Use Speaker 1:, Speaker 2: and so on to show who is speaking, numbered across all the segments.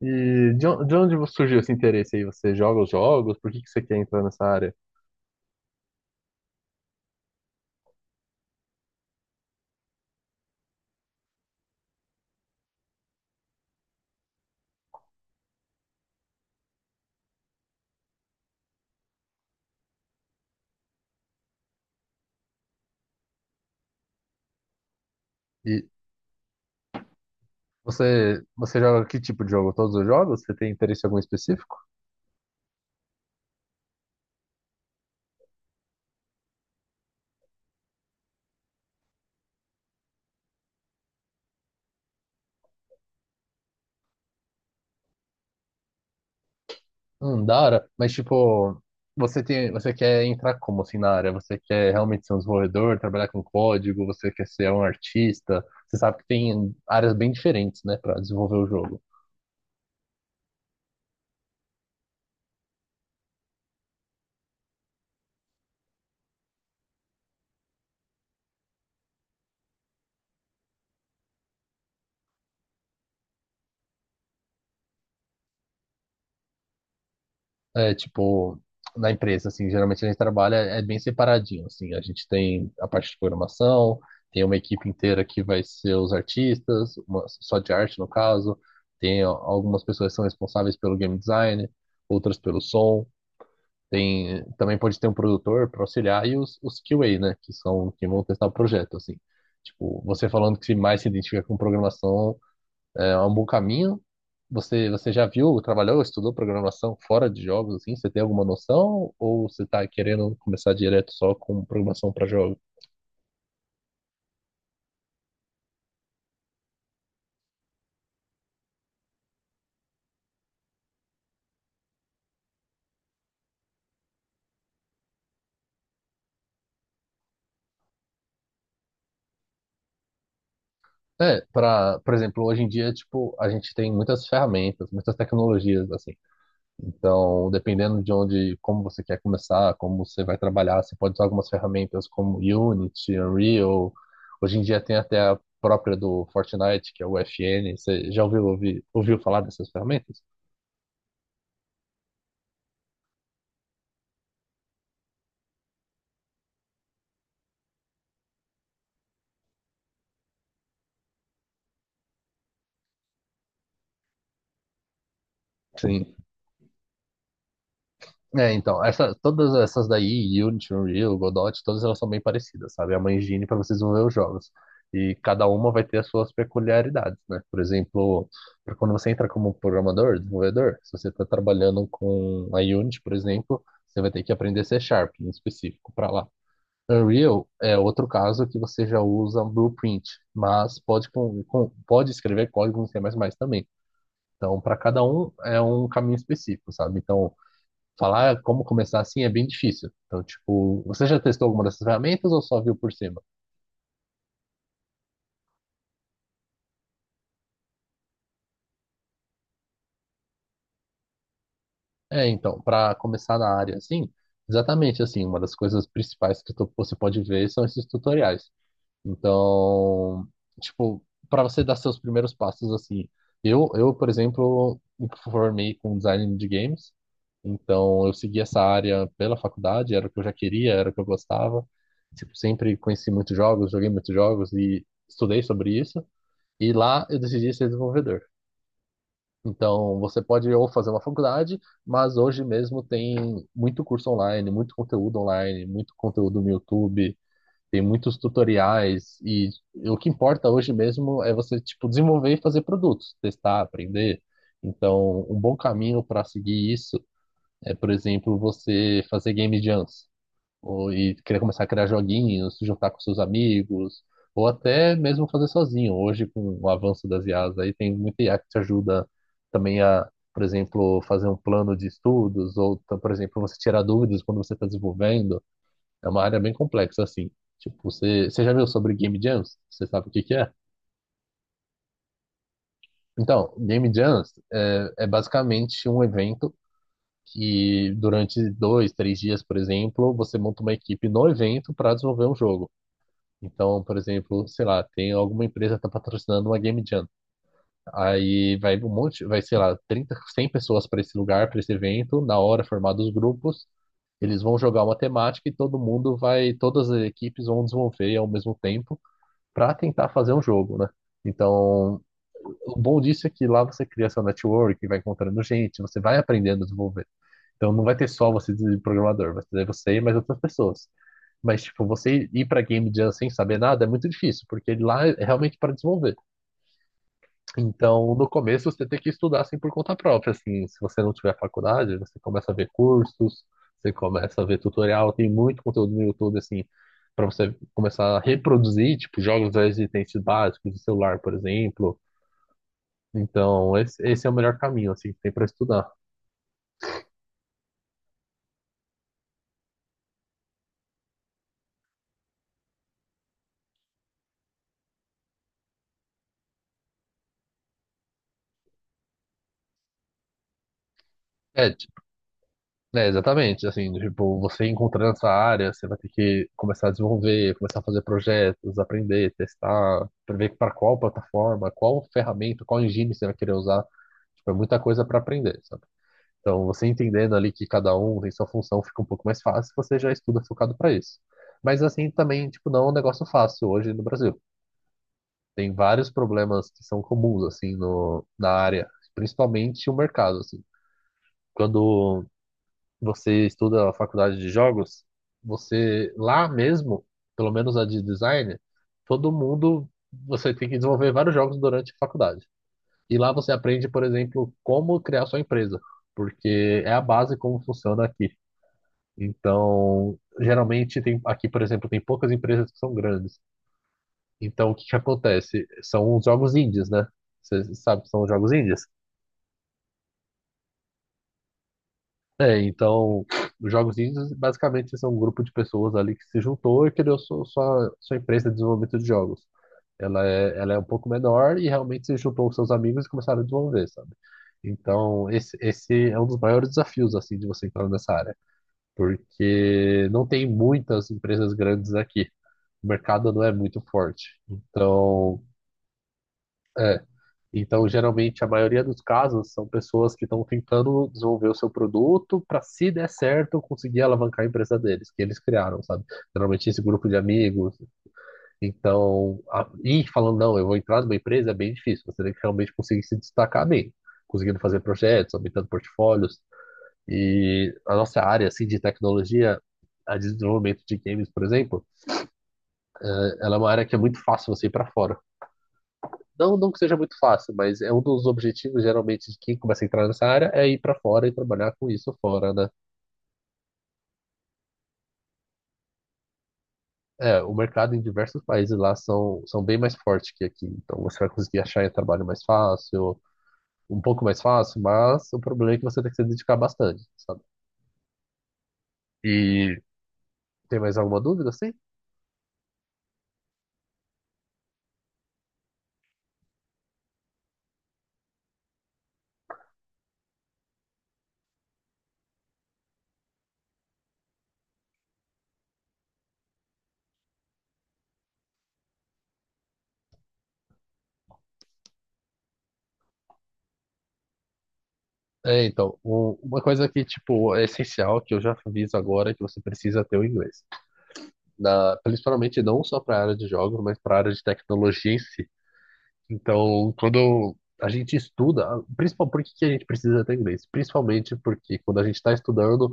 Speaker 1: E de onde surgiu esse interesse aí? Você joga os jogos? Por que que você quer entrar nessa área? E você joga que tipo de jogo? Todos os jogos? Você tem interesse em algum específico? Da hora. Mas tipo, você quer entrar como assim na área? Você quer realmente ser um desenvolvedor, trabalhar com código? Você quer ser um artista? Você sabe que tem áreas bem diferentes, né, para desenvolver o jogo. É, tipo, na empresa, assim, geralmente a gente trabalha é bem separadinho, assim, a gente tem a parte de programação, tem uma equipe inteira que vai ser os artistas, só de arte no caso, tem algumas pessoas que são responsáveis pelo game design, outras pelo som, tem, também pode ter um produtor para auxiliar e os QA, né, que são, que vão testar o projeto, assim. Tipo, você falando que mais se identifica com programação, é um bom caminho. Você já viu, trabalhou, estudou programação fora de jogos, assim? Você tem alguma noção? Ou você está querendo começar direto só com programação para jogos? É, por exemplo, hoje em dia, tipo, a gente tem muitas ferramentas, muitas tecnologias, assim. Então, dependendo de onde, como você quer começar, como você vai trabalhar, você pode usar algumas ferramentas como Unity, Unreal. Hoje em dia tem até a própria do Fortnite, que é o FN. Você já ouviu falar dessas ferramentas? Sim. É, então, todas essas daí, Unity, Unreal, Godot, todas elas são bem parecidas, sabe? É uma engine para vocês desenvolver os jogos. E cada uma vai ter as suas peculiaridades, né? Por exemplo, pra quando você entra como programador, desenvolvedor, se você está trabalhando com a Unity, por exemplo, você vai ter que aprender C#, em específico, para lá. Unreal é outro caso que você já usa Blueprint, mas pode, pode escrever código em C++ também. Então, para cada um é um caminho específico, sabe? Então, falar como começar assim é bem difícil. Então, tipo, você já testou alguma dessas ferramentas ou só viu por cima? É, então, para começar na área assim, exatamente assim, uma das coisas principais que você pode ver são esses tutoriais. Então, tipo, para você dar seus primeiros passos assim, eu, por exemplo, me formei com design de games. Então, eu segui essa área pela faculdade, era o que eu já queria, era o que eu gostava. Tipo, sempre conheci muitos jogos, joguei muitos jogos e estudei sobre isso. E lá eu decidi ser desenvolvedor. Então, você pode ou fazer uma faculdade, mas hoje mesmo tem muito curso online, muito conteúdo no YouTube, tem muitos tutoriais e o que importa hoje mesmo é você, tipo, desenvolver e fazer produtos, testar, aprender. Então, um bom caminho para seguir isso é, por exemplo, você fazer game jams e querer começar a criar joguinhos, se juntar com seus amigos, ou até mesmo fazer sozinho. Hoje, com o avanço das IAs, aí tem muita IA que te ajuda também a, por exemplo, fazer um plano de estudos, ou, por exemplo, você tirar dúvidas quando você está desenvolvendo. É uma área bem complexa, assim. Tipo, você já viu sobre Game Jams? Você sabe o que que é? Então, Game Jams é basicamente um evento que durante 2, 3 dias, por exemplo, você monta uma equipe no evento para desenvolver um jogo. Então, por exemplo, sei lá, tem alguma empresa que tá patrocinando uma Game Jam. Aí vai, sei lá, 30, 100 pessoas para esse lugar, para esse evento, na hora formados os grupos, eles vão jogar uma temática e todas as equipes vão desenvolver ao mesmo tempo para tentar fazer um jogo, né? Então, o bom disso é que lá você cria seu network, vai encontrando gente, você vai aprendendo a desenvolver. Então, não vai ter só você de programador, vai ter você e mais outras pessoas. Mas, tipo, você ir pra Game Jam sem saber nada é muito difícil, porque lá é realmente para desenvolver. Então, no começo, você tem que estudar assim por conta própria, assim, se você não tiver faculdade, você começa a ver cursos, você começa a ver tutorial, tem muito conteúdo no YouTube, assim, para você começar a reproduzir, tipo, jogos já existentes básicos de celular, por exemplo. Então, esse é o melhor caminho, assim, que tem para estudar. Ed, É, exatamente, assim, tipo, você encontrando essa área, você vai ter que começar a desenvolver, começar a fazer projetos, aprender, testar, prever para qual plataforma, qual ferramenta, qual engine você vai querer usar. Tipo, é muita coisa para aprender, sabe? Então, você entendendo ali que cada um tem sua função, fica um pouco mais fácil, você já estuda focado para isso. Mas assim, também, tipo, não é um negócio fácil hoje no Brasil. Tem vários problemas que são comuns, assim, no, na área, principalmente o mercado, assim. Quando você estuda a faculdade de jogos, você lá mesmo, pelo menos a de design, todo mundo você tem que desenvolver vários jogos durante a faculdade. E lá você aprende, por exemplo, como criar sua empresa, porque é a base como funciona aqui. Então, geralmente tem aqui, por exemplo, tem poucas empresas que são grandes. Então, o que que acontece? São os jogos indies, né? Você sabe, que são os jogos indies. É, então, os jogos indies basicamente são um grupo de pessoas ali que se juntou e criou sua empresa de desenvolvimento de jogos. Ela é um pouco menor e realmente se juntou com seus amigos e começaram a desenvolver, sabe? Então, esse é um dos maiores desafios, assim, de você entrar nessa área, porque não tem muitas empresas grandes aqui. O mercado não é muito forte. Então, geralmente, a maioria dos casos são pessoas que estão tentando desenvolver o seu produto para, se der certo, conseguir alavancar a empresa deles, que eles criaram, sabe? Geralmente, esse grupo de amigos. Então, e falando, não, eu vou entrar numa empresa é bem difícil. Você tem que realmente conseguir se destacar bem, conseguindo fazer projetos, aumentando portfólios. E a nossa área, assim, de tecnologia, a de desenvolvimento de games, por exemplo, ela é uma área que é muito fácil você ir para fora. Não, não que seja muito fácil, mas é um dos objetivos, geralmente, de quem começa a entrar nessa área, é ir para fora e trabalhar com isso fora, né? É, o mercado em diversos países lá são bem mais fortes que aqui, então você vai conseguir achar um trabalho mais fácil, um pouco mais fácil, mas o problema é que você tem que se dedicar bastante, sabe? E tem mais alguma dúvida, assim? É, então, uma coisa que, tipo, é essencial, que eu já aviso agora, é que você precisa ter o inglês. Principalmente não só para a área de jogos, mas para a área de tecnologia em si. Então, quando a gente estuda, principalmente por que que a gente precisa ter inglês? Principalmente porque quando a gente está estudando,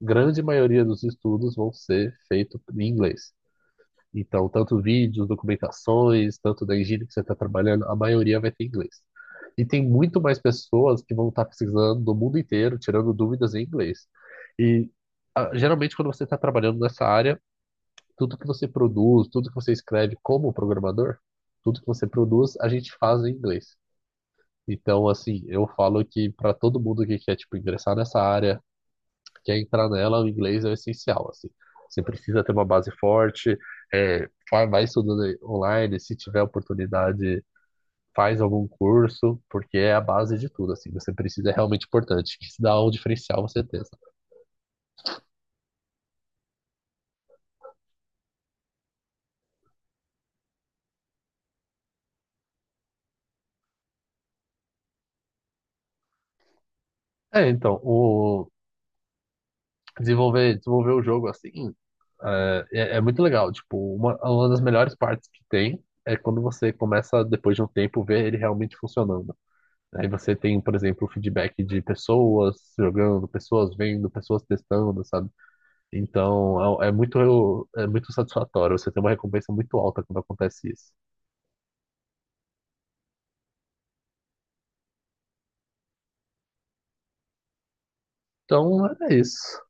Speaker 1: grande maioria dos estudos vão ser feitos em inglês. Então, tanto vídeos, documentações, tanto da engenharia que você está trabalhando, a maioria vai ter inglês. E tem muito mais pessoas que vão estar pesquisando do mundo inteiro, tirando dúvidas em inglês. E geralmente, quando você está trabalhando nessa área, tudo que você produz, tudo que você escreve como programador, tudo que você produz, a gente faz em inglês. Então, assim, eu falo que para todo mundo que quer, tipo, ingressar nessa área, quer entrar nela, o inglês é o essencial, assim. Você precisa ter uma base forte, é, vai estudando aí online, se tiver oportunidade, faz algum curso, porque é a base de tudo, assim. Você precisa, é realmente importante, que isso dá um diferencial, você tem. É, então, desenvolver o jogo, assim, é muito legal. Tipo, uma das melhores partes que tem é quando você começa, depois de um tempo, ver ele realmente funcionando. Aí você tem, por exemplo, o feedback de pessoas jogando, pessoas vendo, pessoas testando, sabe? Então é muito satisfatório. Você tem uma recompensa muito alta quando acontece isso. Então é isso.